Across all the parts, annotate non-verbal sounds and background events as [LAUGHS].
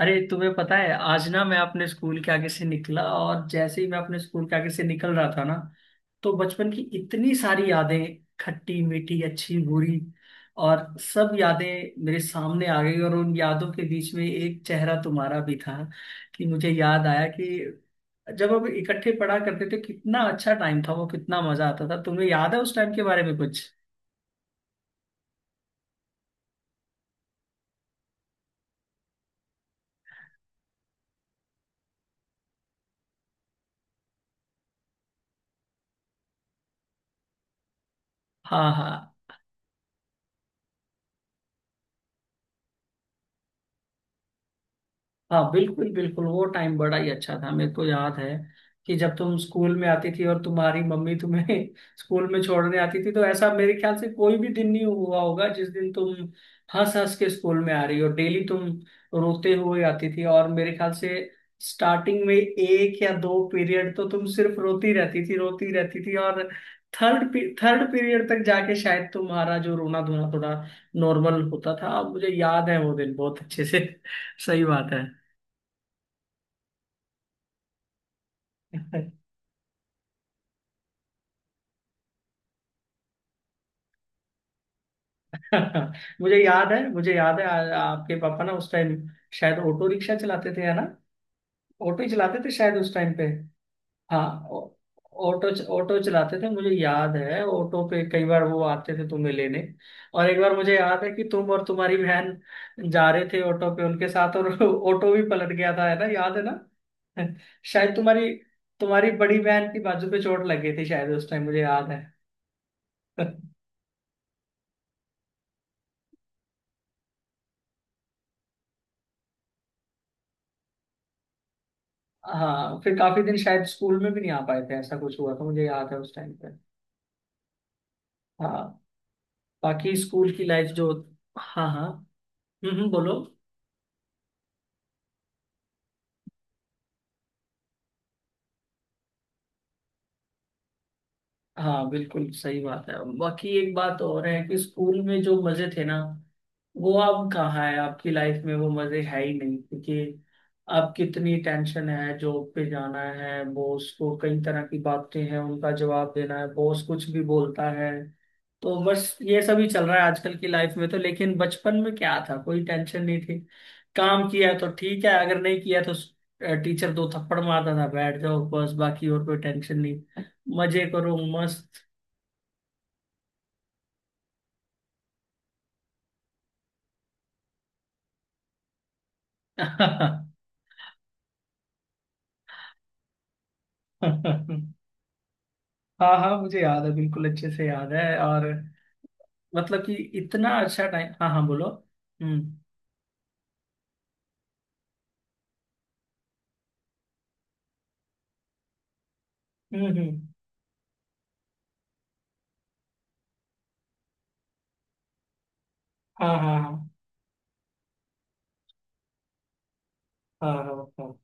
अरे तुम्हें पता है, आज ना मैं अपने स्कूल के आगे से निकला। और जैसे ही मैं अपने स्कूल के आगे से निकल रहा था ना, तो बचपन की इतनी सारी यादें, खट्टी मीठी अच्छी बुरी, और सब यादें मेरे सामने आ गई। और उन यादों के बीच में एक चेहरा तुम्हारा भी था। कि मुझे याद आया कि जब हम इकट्ठे पढ़ा करते थे, कितना अच्छा टाइम था वो, कितना मजा आता था। तुम्हें याद है उस टाइम के बारे में कुछ? हाँ हाँ। हाँ बिल्कुल बिल्कुल, वो टाइम बड़ा ही अच्छा था। मेरे को याद है कि जब तुम स्कूल में आती थी और तुम्हारी मम्मी तुम्हें [LAUGHS] स्कूल में छोड़ने आती थी, तो ऐसा मेरे ख्याल से कोई भी दिन नहीं हुआ होगा जिस दिन तुम हंस हंस के स्कूल में आ रही हो। डेली तुम रोते हुए आती थी, और मेरे ख्याल से स्टार्टिंग में एक या दो पीरियड तो तुम सिर्फ रोती रहती थी रोती रहती थी। और थर्ड थर्ड पीरियड तक जाके शायद तुम्हारा जो रोना धोना थोड़ा नॉर्मल होता था। अब मुझे याद है वो दिन बहुत अच्छे से। [LAUGHS] सही बात है। [LAUGHS] मुझे याद है मुझे याद है, आपके पापा ना उस टाइम शायद ऑटो रिक्शा चलाते थे, है ना? ऑटो ही चलाते थे शायद उस टाइम पे। हाँ, ऑटो ऑटो चलाते थे, मुझे याद है। ऑटो पे कई बार वो आते थे तुम्हें लेने। और एक बार मुझे याद है कि तुम और तुम्हारी बहन जा रहे थे ऑटो पे उनके साथ, और [LAUGHS] ऑटो भी पलट गया था, है ना, याद है ना? [LAUGHS] शायद तुम्हारी तुम्हारी बड़ी बहन की बाजू पे चोट लगी थी शायद उस टाइम, मुझे याद है। [LAUGHS] हाँ, फिर काफी दिन शायद स्कूल में भी नहीं आ पाए थे, ऐसा कुछ हुआ था, मुझे याद है उस टाइम पे। हाँ। बाकी स्कूल की लाइफ जो... हाँ हाँ। बोलो। हाँ बिल्कुल सही बात है। बाकी एक बात और है कि स्कूल में जो मजे थे ना, वो अब कहाँ है? आपकी लाइफ में वो मजे है ही नहीं, क्योंकि अब कितनी टेंशन है। जॉब पे जाना है, बॉस को कई तरह की बातें हैं उनका जवाब देना है, बॉस कुछ भी बोलता है, तो बस ये सब ही चल रहा है आजकल की लाइफ में। तो लेकिन बचपन में क्या था, कोई टेंशन नहीं थी। काम किया तो ठीक है, अगर नहीं किया तो टीचर दो थप्पड़ मारता था, बैठ जाओ बस, बाकी और कोई टेंशन नहीं। मजे करो, मस्त। [LAUGHS] हाँ हाँ, मुझे याद है, बिल्कुल अच्छे से याद है। और मतलब कि इतना अच्छा टाइम। हाँ हाँ बोलो। हम्म हम्म। हाँ हाँ हाँ हाँ हाँ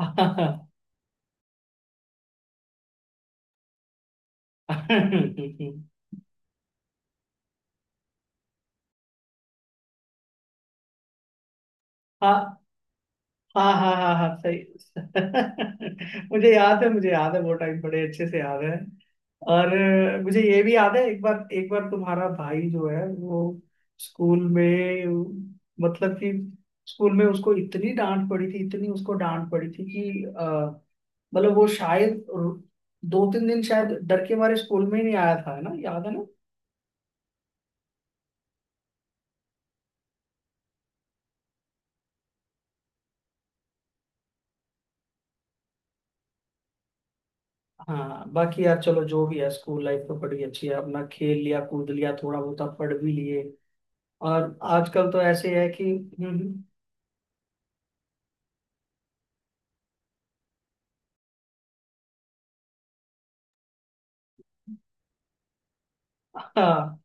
हाँ। [LAUGHS] हाँ हाँ हाँ, हाँ हाँ हाँ हाँ सही। [LAUGHS] मुझे याद है मुझे याद है, वो टाइम बड़े अच्छे से याद है। और मुझे ये भी याद है, एक बार तुम्हारा भाई जो है वो स्कूल में, मतलब कि स्कूल में उसको इतनी डांट पड़ी थी, इतनी उसको डांट पड़ी थी कि मतलब वो शायद दो तीन दिन शायद डर के मारे स्कूल में ही नहीं आया था, है ना, याद है ना? हाँ बाकी यार चलो जो भी है, स्कूल लाइफ तो बड़ी अच्छी है। अपना खेल लिया, कूद लिया, थोड़ा बहुत पढ़ भी लिए। और आजकल तो ऐसे है कि... हम्म, हाँ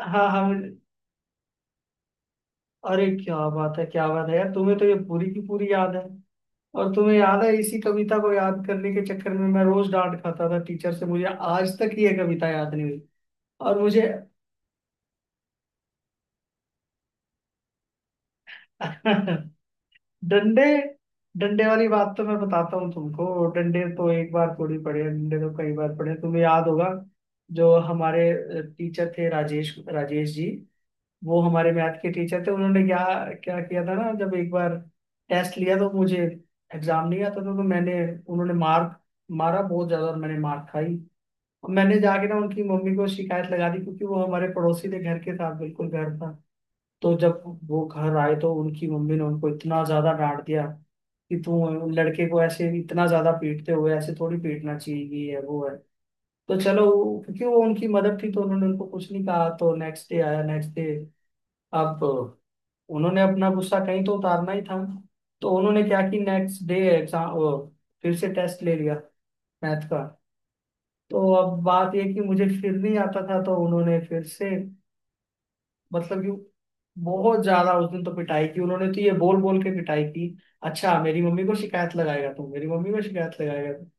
हाँ हम। अरे क्या बात है, क्या बात है यार, तुम्हें तो ये पूरी की पूरी याद है। और तुम्हें याद है, इसी कविता को याद करने के चक्कर में मैं रोज डांट खाता था टीचर से, मुझे आज तक ये कविता याद नहीं हुई। और मुझे... [LAUGHS] डंडे डंडे वाली बात तो मैं बताता हूँ तुमको। डंडे तो एक बार थोड़ी पढ़े, डंडे तो कई बार पढ़े, तुम्हें याद होगा। जो हमारे टीचर थे राजेश, राजेश जी, वो हमारे मैथ के टीचर थे। उन्होंने क्या क्या किया था ना, जब एक बार टेस्ट लिया तो मुझे एग्जाम नहीं आता था, तो मैंने उन्होंने मारा बहुत ज्यादा, और मैंने मार खाई। और मैंने जाके ना उनकी मम्मी को शिकायत लगा दी, क्योंकि वो हमारे पड़ोसी थे, घर के साथ बिल्कुल घर था। तो जब वो घर आए तो उनकी मम्मी ने उनको इतना ज्यादा डांट दिया कि तुम लड़के को ऐसे इतना ज्यादा पीटते हो, ऐसे थोड़ी पीटना चाहिए, ये है वो है। तो चलो क्योंकि वो उनकी मदर थी तो उन्होंने उनको कुछ नहीं कहा। तो नेक्स्ट डे आया, नेक्स्ट डे अब उन्होंने अपना गुस्सा कहीं तो उतारना ही था, तो उन्होंने क्या कि नेक्स्ट डे एग्जाम फिर से टेस्ट ले लिया मैथ का। तो अब बात ये कि मुझे फिर नहीं आता था, तो उन्होंने फिर से, मतलब कि बहुत ज्यादा उस दिन तो पिटाई की उन्होंने। तो ये बोल बोल के पिटाई की, अच्छा मेरी मम्मी को शिकायत लगाएगा तू, मेरी मम्मी को शिकायत लगाएगा तू।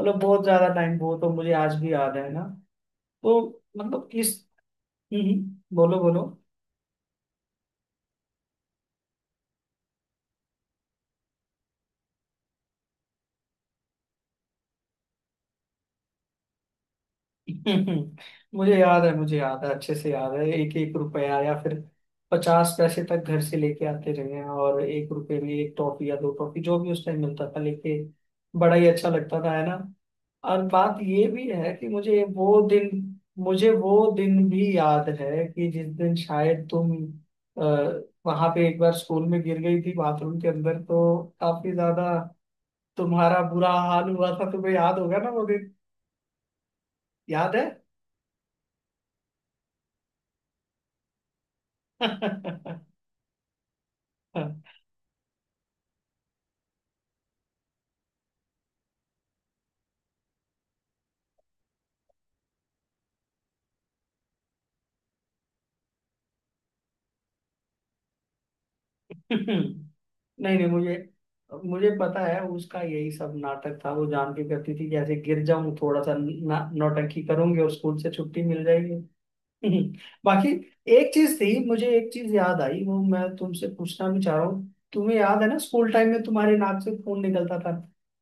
मतलब बहुत ज्यादा टाइम, वो तो मुझे आज भी याद है ना। तो मतलब इस... बोलो बोलो। [LAUGHS] मुझे याद है मुझे याद है, अच्छे से याद है। एक एक रुपया या फिर पचास पैसे तक घर से लेके आते रहे हैं, और एक रुपए में एक टॉफी या दो टॉफी, जो भी उस टाइम मिलता था लेके, बड़ा ही अच्छा लगता था, है ना? और बात ये भी है कि मुझे वो दिन भी याद है कि जिस दिन शायद तुम अ, वहां पे एक बार स्कूल में गिर गई थी बाथरूम के अंदर, तो काफी ज्यादा तुम्हारा बुरा हाल हुआ था, तुम्हें याद होगा ना वो दिन, याद है? [LAUGHS] [LAUGHS] नहीं नहीं, मुझे मुझे पता है, उसका यही सब नाटक था। वो जान के करती थी कि ऐसे गिर जाऊं, थोड़ा सा ना नौटंकी करूंगी और स्कूल से छुट्टी मिल जाएगी। [LAUGHS] बाकी एक चीज थी, मुझे एक चीज याद आई, वो मैं तुमसे पूछना भी चाह रहा हूँ। तुम्हें याद है ना स्कूल टाइम में तुम्हारे नाक से खून निकलता था?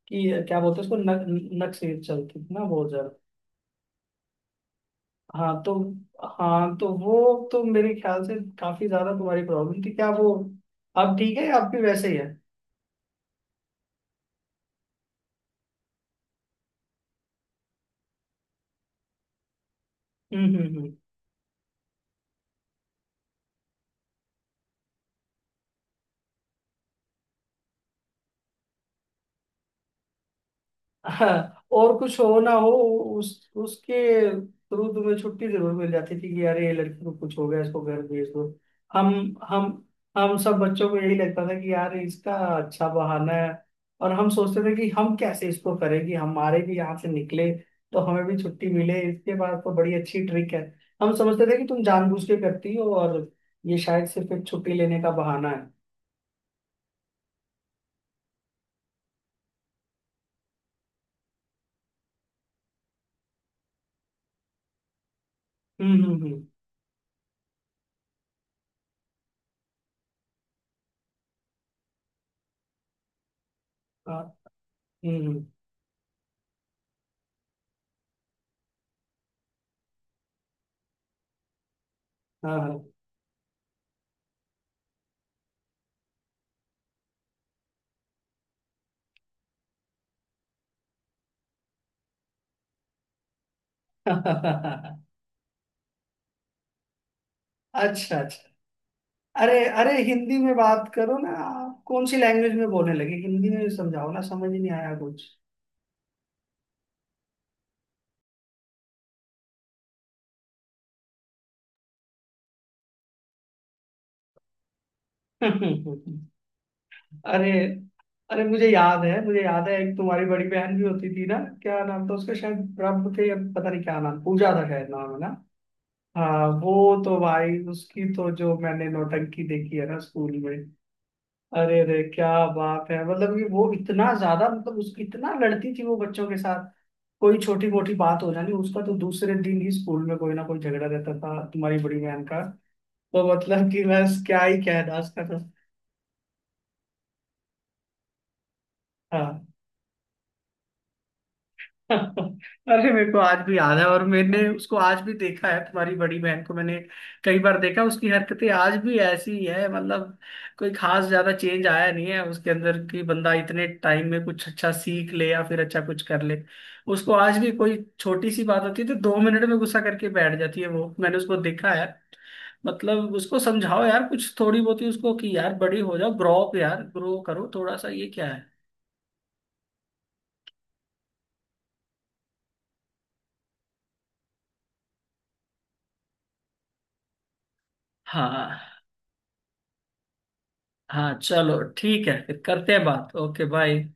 कि क्या बोलते हैं उसको, नक, नक से चलती थी ना बहुत ज्यादा। हाँ तो, हाँ तो वो तो मेरे ख्याल से काफी ज्यादा तुम्हारी प्रॉब्लम थी, क्या वो अब ठीक है, अब भी वैसे ही है? हम्म। [LAUGHS] हाँ, और कुछ हो ना हो, उस उसके थ्रू तुम्हें छुट्टी जरूर मिल जाती थी कि यार ये लड़की को कुछ हो गया, इसको घर भेज दो। हम हम हम सब बच्चों को यही लगता था कि यार इसका अच्छा बहाना है, और हम सोचते थे कि हम कैसे इसको करें कि हमारे भी यहाँ से निकले, तो हमें भी छुट्टी मिले। इसके बाद तो बड़ी अच्छी ट्रिक है, हम समझते थे कि तुम जानबूझ के करती हो, और ये शायद सिर्फ एक छुट्टी लेने का बहाना है। हम्म। हाँ, हम्म हम्म, हाँ हाँ। [LAUGHS] अच्छा अच्छा। अरे अरे, हिंदी में बात करो ना, आप कौन सी लैंग्वेज में बोलने लगे? हिंदी में समझाओ ना, समझ ही नहीं आया कुछ। [LAUGHS] अरे अरे, मुझे याद है मुझे याद है, एक तुम्हारी बड़ी बहन भी होती थी ना? क्या नाम था उसका, शायद रब थे या पता नहीं क्या नाम, पूजा था शायद नाम, है ना? हाँ वो तो भाई, उसकी तो जो मैंने नौटंकी देखी है ना स्कूल में, अरे अरे क्या बात है। मतलब कि वो इतना ज्यादा, मतलब उसकी इतना लड़ती थी वो बच्चों के साथ, कोई छोटी मोटी बात हो जानी उसका, तो दूसरे दिन ही स्कूल में कोई ना कोई झगड़ा रहता था तुम्हारी बड़ी बहन का। तो मतलब कि बस क्या ही कहना उसका तो। हाँ। अरे मेरे को आज भी याद है, और मैंने उसको आज भी देखा है तुम्हारी बड़ी बहन को, मैंने कई बार देखा। उसकी हरकतें आज भी ऐसी ही है, मतलब कोई खास ज्यादा चेंज आया नहीं है उसके अंदर, कि बंदा इतने टाइम में कुछ अच्छा सीख ले या फिर अच्छा कुछ कर ले। उसको आज भी कोई छोटी सी बात होती है तो दो मिनट में गुस्सा करके बैठ जाती है, वो मैंने उसको देखा है। मतलब उसको समझाओ यार कुछ थोड़ी बहुत ही उसको, कि यार बड़ी हो जाओ, ग्रो अप यार, ग्रो करो थोड़ा सा, ये क्या है? हाँ, हाँ चलो ठीक है, फिर करते हैं बात। Okay, bye.